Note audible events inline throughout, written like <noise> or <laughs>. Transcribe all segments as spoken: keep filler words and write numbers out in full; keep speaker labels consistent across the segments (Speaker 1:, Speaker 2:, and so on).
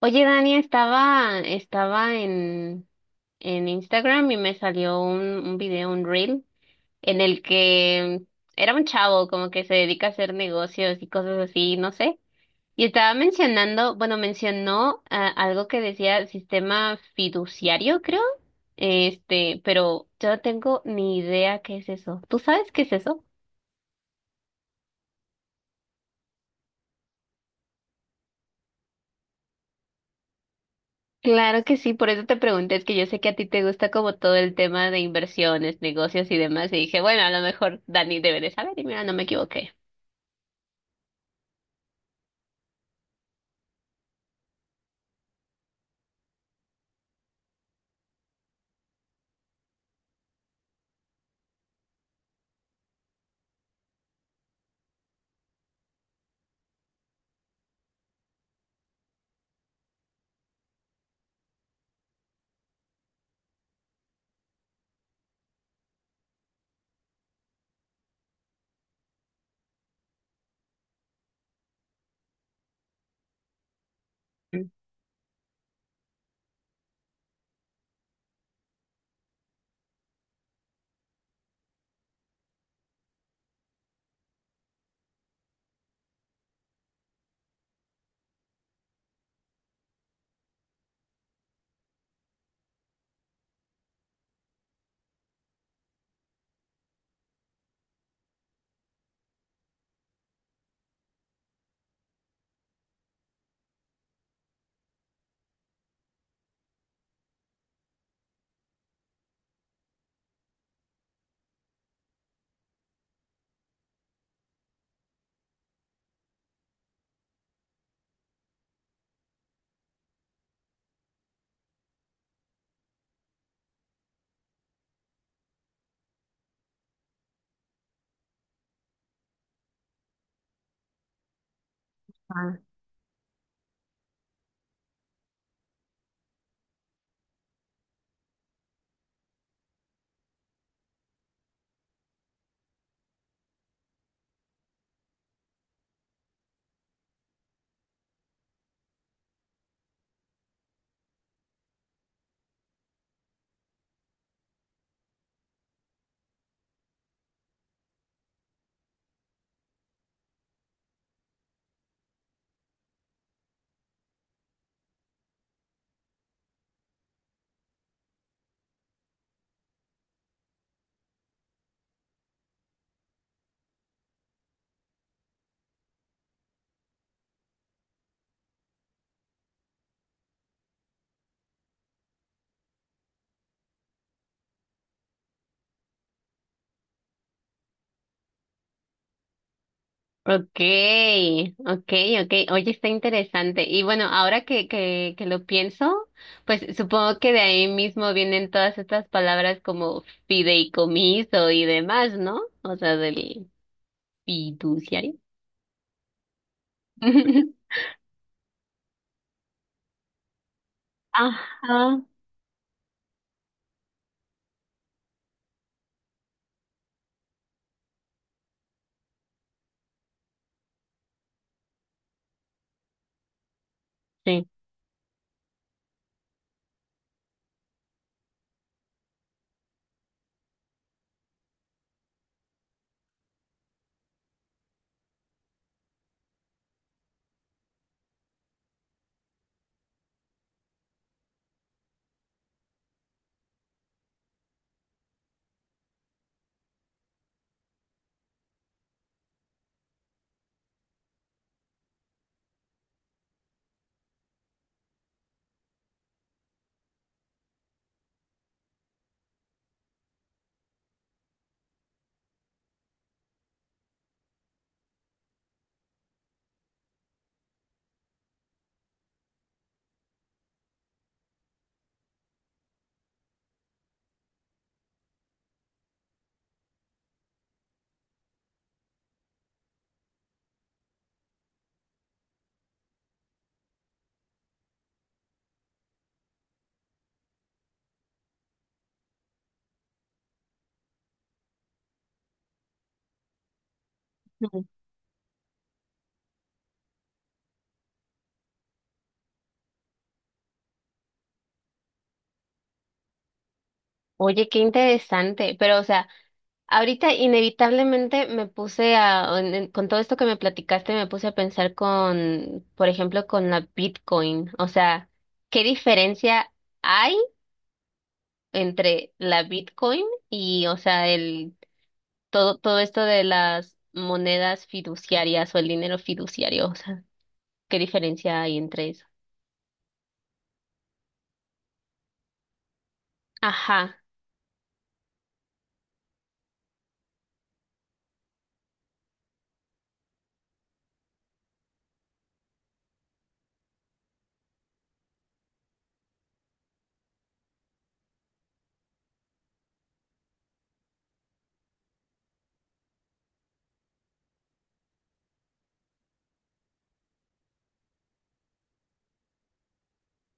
Speaker 1: Oye, Dani, estaba, estaba en, en Instagram y me salió un, un video, un reel, en el que era un chavo como que se dedica a hacer negocios y cosas así, no sé. Y estaba mencionando, bueno, mencionó ah, algo que decía sistema fiduciario, creo. Este, pero yo no tengo ni idea qué es eso. ¿Tú sabes qué es eso? Claro que sí, por eso te pregunté, es que yo sé que a ti te gusta como todo el tema de inversiones, negocios y demás, y dije, bueno, a lo mejor Dani debe de saber, y mira, no me equivoqué. Ajá. Okay, okay, okay. Oye, está interesante. Y bueno, ahora que, que, que lo pienso, pues supongo que de ahí mismo vienen todas estas palabras como fideicomiso y demás, ¿no? O sea, del fiduciario. <laughs> Ajá, sí. Oye, qué interesante. Pero, o sea, ahorita inevitablemente me puse a, en- en- con todo esto que me platicaste, me puse a pensar con, por ejemplo, con la Bitcoin. O sea, ¿qué diferencia hay entre la Bitcoin y, o sea, el, todo, todo esto de las monedas fiduciarias o el dinero fiduciario? O sea, ¿qué diferencia hay entre eso? Ajá.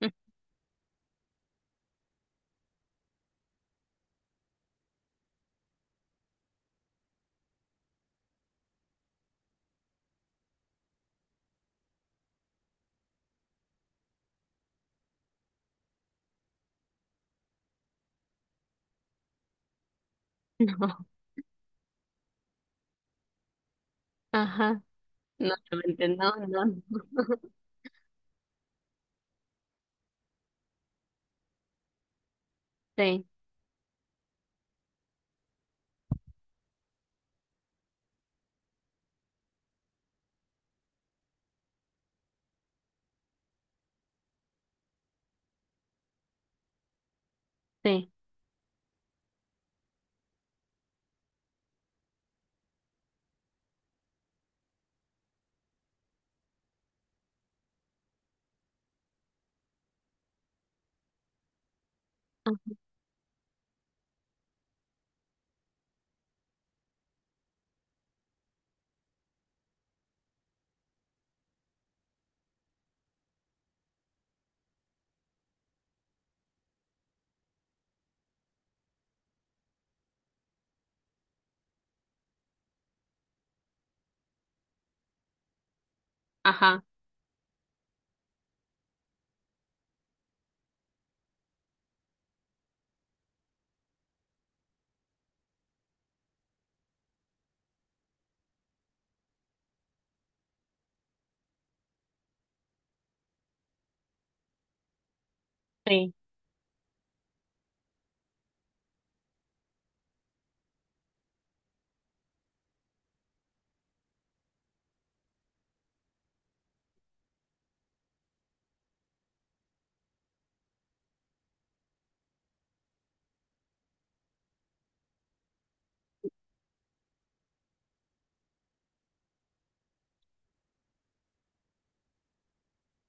Speaker 1: <laughs> No. Ajá. No, realmente no, no. No. Sí, sí. Ajá. Sí.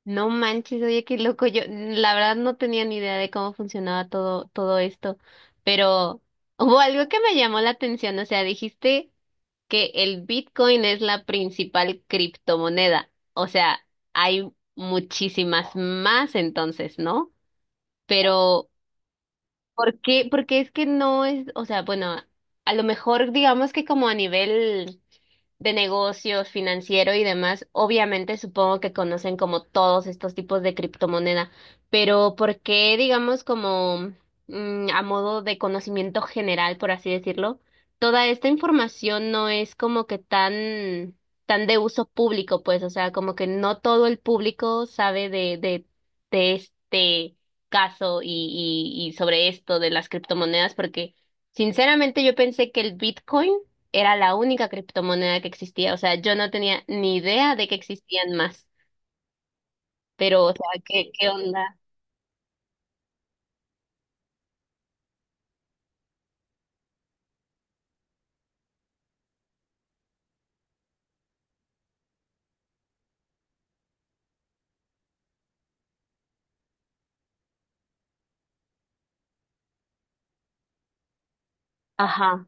Speaker 1: No manches, oye, qué loco. Yo, la verdad, no tenía ni idea de cómo funcionaba todo, todo esto, pero hubo algo que me llamó la atención. O sea, dijiste que el Bitcoin es la principal criptomoneda. O sea, hay muchísimas más entonces, ¿no? Pero ¿por qué? Porque es que no es, o sea, bueno, a lo mejor digamos que como a nivel de negocios, financiero y demás, obviamente supongo que conocen como todos estos tipos de criptomoneda, pero ¿por qué digamos como mm, a modo de conocimiento general, por así decirlo, toda esta información no es como que tan tan de uso público, pues, o sea, como que no todo el público sabe de de de este caso y, y, y sobre esto de las criptomonedas, porque sinceramente yo pensé que el Bitcoin era la única criptomoneda que existía. O sea, yo no tenía ni idea de que existían más. Pero, o sea, ¿qué, qué onda? Ajá.